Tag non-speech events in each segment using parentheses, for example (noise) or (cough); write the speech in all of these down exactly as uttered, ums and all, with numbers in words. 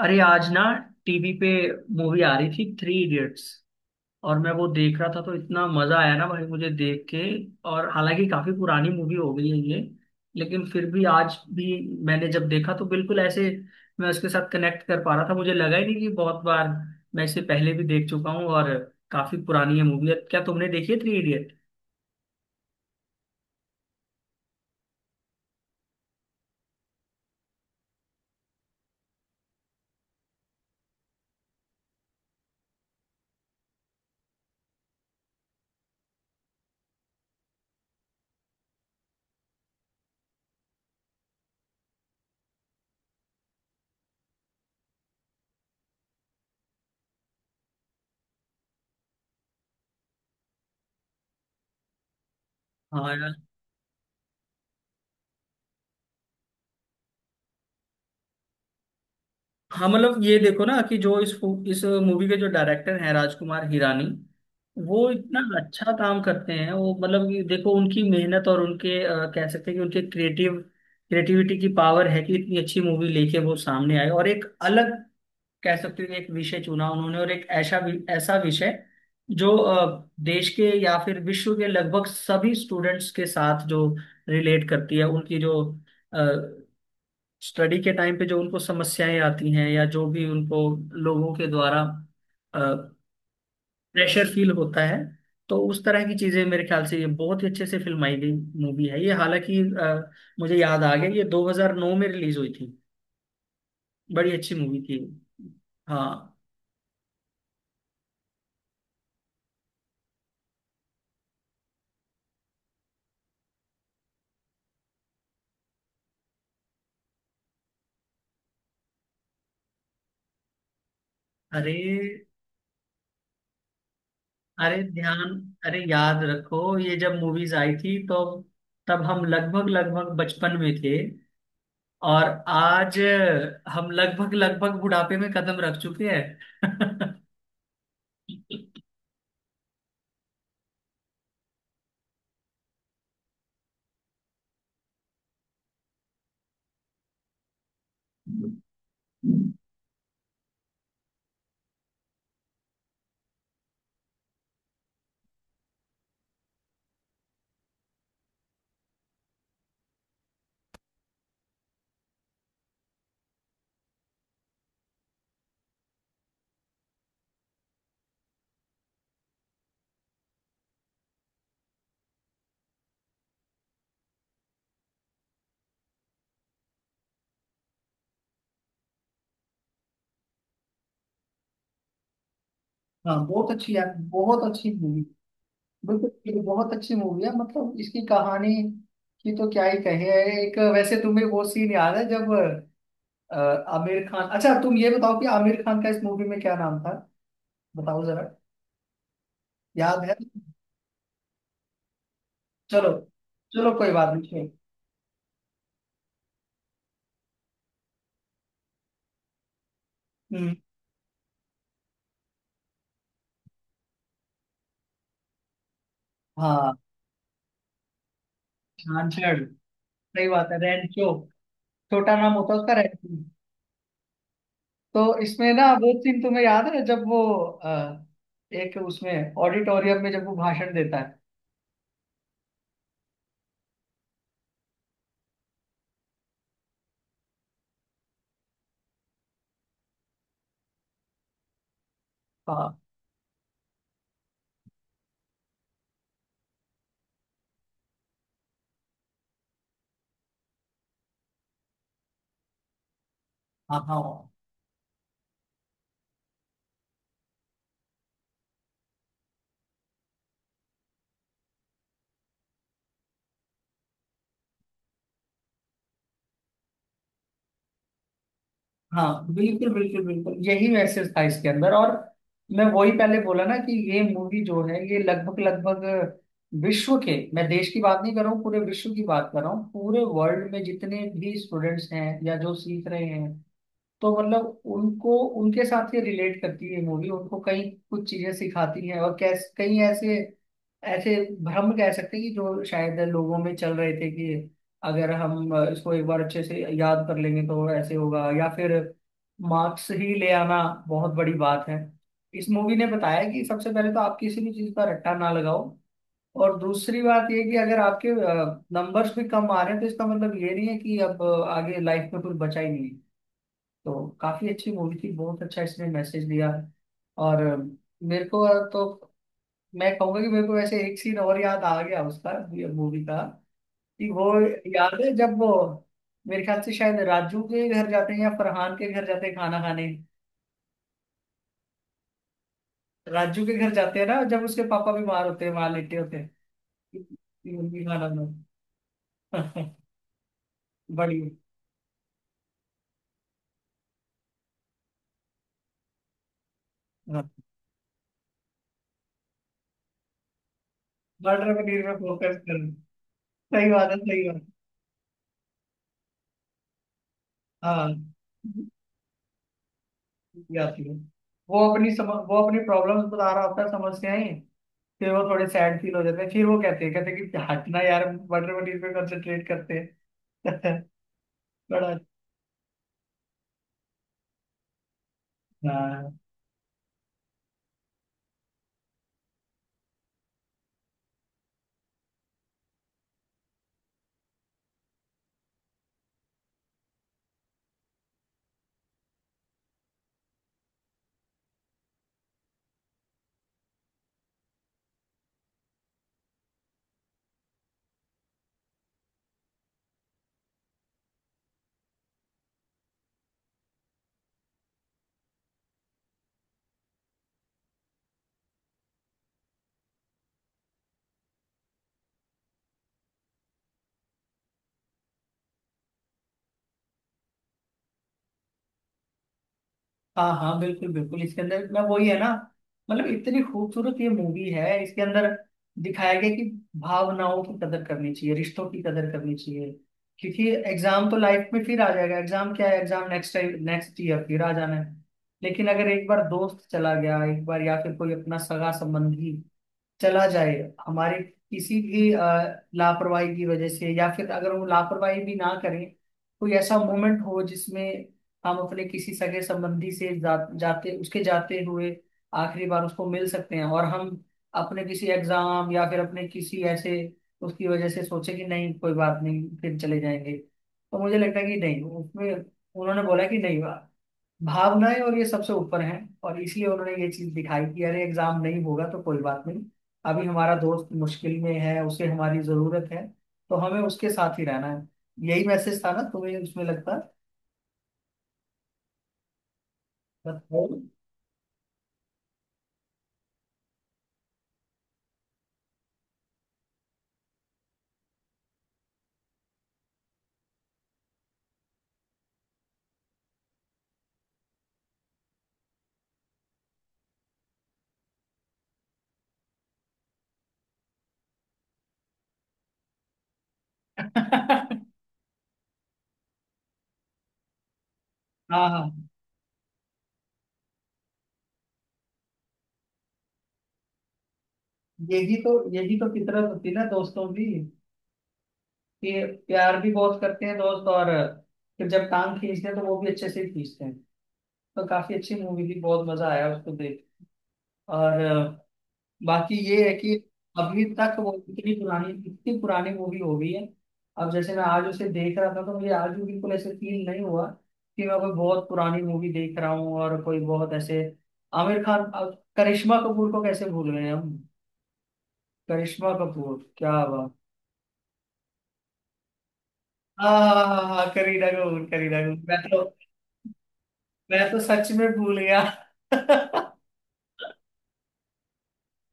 अरे आज ना टीवी पे मूवी आ रही थी थ्री इडियट्स। और मैं वो देख रहा था तो इतना मजा आया ना भाई मुझे देख के। और हालांकि काफी पुरानी मूवी हो गई है ये, लेकिन फिर भी आज भी मैंने जब देखा तो बिल्कुल ऐसे मैं उसके साथ कनेक्ट कर पा रहा था। मुझे लगा ही नहीं कि बहुत बार मैं इसे पहले भी देख चुका हूँ, और काफी पुरानी है मूवी। क्या तुमने देखी है थ्री इडियट? हाँ यार। हाँ मतलब ये देखो ना कि जो इस फू- इस मूवी के जो डायरेक्टर हैं राजकुमार हिरानी, वो इतना अच्छा काम करते हैं। वो मतलब कि देखो उनकी मेहनत और उनके अ, कह सकते हैं कि उनके क्रिएटिव क्रिएटिविटी की पावर है कि इतनी अच्छी मूवी लेके वो सामने आए। और एक अलग कह सकते हैं कि एक विषय चुना उन्होंने, और एक ऐसा वि- ऐसा विषय जो अ, देश के या फिर विश्व के लगभग सभी स्टूडेंट्स के साथ जो रिलेट करती है। उनकी जो स्टडी के टाइम पे जो उनको समस्याएं आती हैं या जो भी उनको लोगों के द्वारा प्रेशर फील होता है, तो उस तरह की चीजें मेरे ख्याल से ये बहुत ही अच्छे से फिल्माई गई मूवी है ये। हालांकि अ, मुझे याद आ गया, ये दो हज़ार नौ में रिलीज हुई थी। बड़ी अच्छी मूवी थी। हाँ। अरे, अरे ध्यान, अरे याद रखो ये जब मूवीज आई थी तो तब हम लगभग लगभग बचपन में थे, और आज हम लगभग लगभग बुढ़ापे में कदम रख चुके हैं। (laughs) हाँ बहुत अच्छी यार, बहुत अच्छी मूवी। बिल्कुल ये तो बहुत अच्छी मूवी है। मतलब इसकी कहानी की तो क्या ही कहे। एक वैसे तुम्हें वो सीन याद है जब अ, आमिर खान, अच्छा तुम ये बताओ कि आमिर खान का इस मूवी में क्या नाम था? बताओ जरा। याद है? चलो, चलो कोई बात नहीं ठीक। हम्म। हाँ, छाछड़। सही बात है, रैंचो। छोटा नाम होता है उसका रैंचो। तो इसमें ना वो सीन तुम्हें याद है जब वो अ, एक उसमें ऑडिटोरियम में जब वो भाषण देता है। हाँ हाँ हाँ। हाँ बिल्कुल बिल्कुल बिल्कुल, यही मैसेज था इसके अंदर। और मैं वही पहले बोला ना कि ये मूवी जो है ये लगभग लगभग विश्व के, मैं देश की बात नहीं कर रहा हूँ, पूरे विश्व की बात कर रहा हूँ। पूरे वर्ल्ड में जितने भी स्टूडेंट्स हैं या जो सीख रहे हैं तो मतलब उनको, उनके साथ ये रिलेट करती है मूवी। उनको कई कुछ चीजें सिखाती हैं। और कैसे कई ऐसे ऐसे भ्रम कह सकते हैं कि जो शायद लोगों में चल रहे थे कि अगर हम अ, इसको एक बार अच्छे से याद कर लेंगे तो ऐसे होगा, या फिर मार्क्स ही ले आना बहुत बड़ी बात है। इस मूवी ने बताया कि सबसे पहले तो आप किसी भी चीज का रट्टा ना लगाओ, और दूसरी बात ये कि अगर आपके नंबर्स भी कम आ रहे हैं तो इसका मतलब ये नहीं है कि अब अ, आगे लाइफ में कुछ बचा ही नहीं है। तो काफी अच्छी मूवी थी, बहुत अच्छा इसने मैसेज दिया। और अम, मेरे को तो मैं कहूंगा कि मेरे को वैसे एक सीन और याद आ गया उसका, मूवी का, कि वो याद है जब वो मेरे ख्याल से शायद राजू के घर जाते हैं या फरहान के घर जाते हैं खाना खाने। राजू के घर जाते हैं ना, जब उसके पापा बीमार होते हैं वहां लेटे होते हैं। उनकी खाना बनाओ। (laughs) बड़ी, हाँ, मर्डर पनीर में फोकस कर। सही बात है, सही बात है। हाँ ये आती है। वो अपनी सम, वो अपनी प्रॉब्लम्स बता रहा होता है, समस्याएं। फिर वो थोड़े सैड फील हो जाते हैं, फिर वो कहते हैं कहते हैं कि हटना यार बटर पनीर पे कंसंट्रेट करते हैं। (laughs) बड़ा अच्छा। हाँ हाँ। हाँ बिल्कुल बिल्कुल। इसके अंदर मैं वही है ना, मतलब इतनी खूबसूरत ये मूवी है। इसके अंदर दिखाया गया कि भावनाओं की कदर करनी चाहिए, रिश्तों की कदर करनी चाहिए। क्योंकि एग्जाम तो लाइफ में फिर आ जाएगा, एग्जाम क्या है, exam next time next year फिर आ जाना है। लेकिन अगर एक बार दोस्त चला गया, एक बार, या फिर कोई अपना सगा संबंधी चला जाए हमारे किसी भी अ, लापरवाही की वजह से, या फिर अगर वो लापरवाही भी ना करें, कोई ऐसा मोमेंट हो जिसमें हम अपने किसी सगे संबंधी से जा, जाते उसके जाते हुए आखिरी बार उसको मिल सकते हैं, और हम अपने किसी एग्जाम या फिर अपने किसी ऐसे उसकी वजह से सोचे कि नहीं कोई बात नहीं फिर चले जाएंगे, तो मुझे लगता है कि नहीं उसमें उन्होंने बोला कि नहीं, भावनाएं और ये सबसे ऊपर हैं। और इसलिए उन्होंने ये चीज दिखाई कि अरे एग्जाम नहीं होगा तो कोई बात नहीं, अभी हमारा दोस्त मुश्किल में है उसे हमारी जरूरत है, तो हमें उसके साथ ही रहना है। यही मैसेज था ना तुम्हें उसमें लगता? बताओ। (laughs) हाँ हाँ, यही तो, यही तो फितरत होती है ना दोस्तों की कि प्यार भी बहुत करते हैं दोस्त, और फिर जब टांग खींचते हैं तो वो भी अच्छे से खींचते हैं। तो काफी अच्छी मूवी थी, बहुत मजा आया उसको देख। और बाकी ये है कि अभी तक वो इतनी पुरानी, इतनी पुरानी मूवी हो गई है, अब जैसे मैं आज उसे देख रहा था तो मुझे आज भी बिल्कुल ऐसे फील नहीं हुआ कि मैं कोई बहुत पुरानी मूवी देख रहा हूँ। और कोई बहुत ऐसे आमिर खान, अब करिश्मा कपूर को कैसे भूल गए हम? करिश्मा कपूर, क्या बात। हाँ हाँ हाँ हाँ, हाँ, करीना कपूर करीना कपूर, मैं तो, मैं तो सच में भूल गया। (laughs)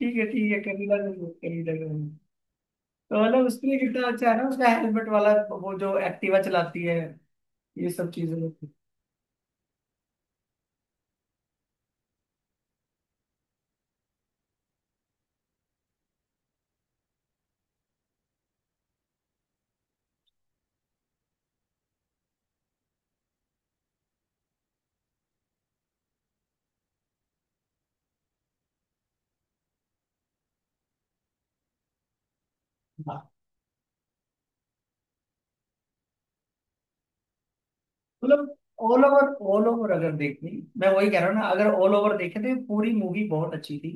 ठीक है ठीक है, करीना कपूर करीना कपूर। तो मतलब उसमें कितना अच्छा है ना उसका हेलमेट वाला, वो जो एक्टिवा चलाती है, ये सब चीजें। हाँ, मतलब ऑल ओवर, ऑल ओवर अगर देखी, मैं वही कह रहा हूँ ना, अगर ऑल ओवर देखे तो ये पूरी मूवी बहुत अच्छी थी।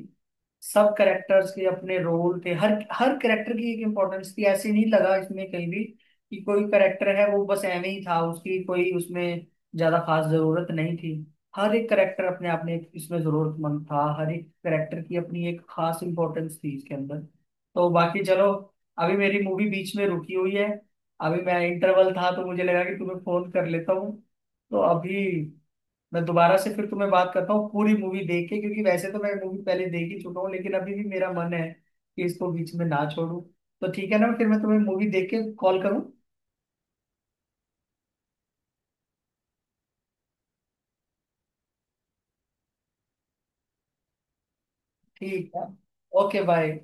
सब कैरेक्टर्स के अपने रोल थे, हर हर कैरेक्टर की एक इम्पोर्टेंस थी। ऐसे नहीं लगा इसमें कहीं भी कि कोई कैरेक्टर है वो बस ऐਵੇਂ ही था, उसकी कोई उसमें ज्यादा खास जरूरत नहीं थी। हर एक कैरेक्टर अपने आप में इसमें जरूरतमंद था, हर एक कैरेक्टर की अपनी एक खास इम्पोर्टेंस थी इसके अंदर। तो बाकी चलो, अभी मेरी मूवी बीच में रुकी हुई है, अभी मैं इंटरवल था तो मुझे लगा कि तुम्हें फोन कर लेता हूँ। तो अभी मैं दोबारा से फिर तुम्हें बात करता हूँ पूरी मूवी देख के, क्योंकि वैसे तो मैं मूवी पहले देख ही चुका हूँ लेकिन अभी भी मेरा मन है कि इसको बीच में ना छोड़ूं। तो ठीक है ना, फिर मैं तुम्हें मूवी देख के कॉल करूँ। ठीक है। Okay bye.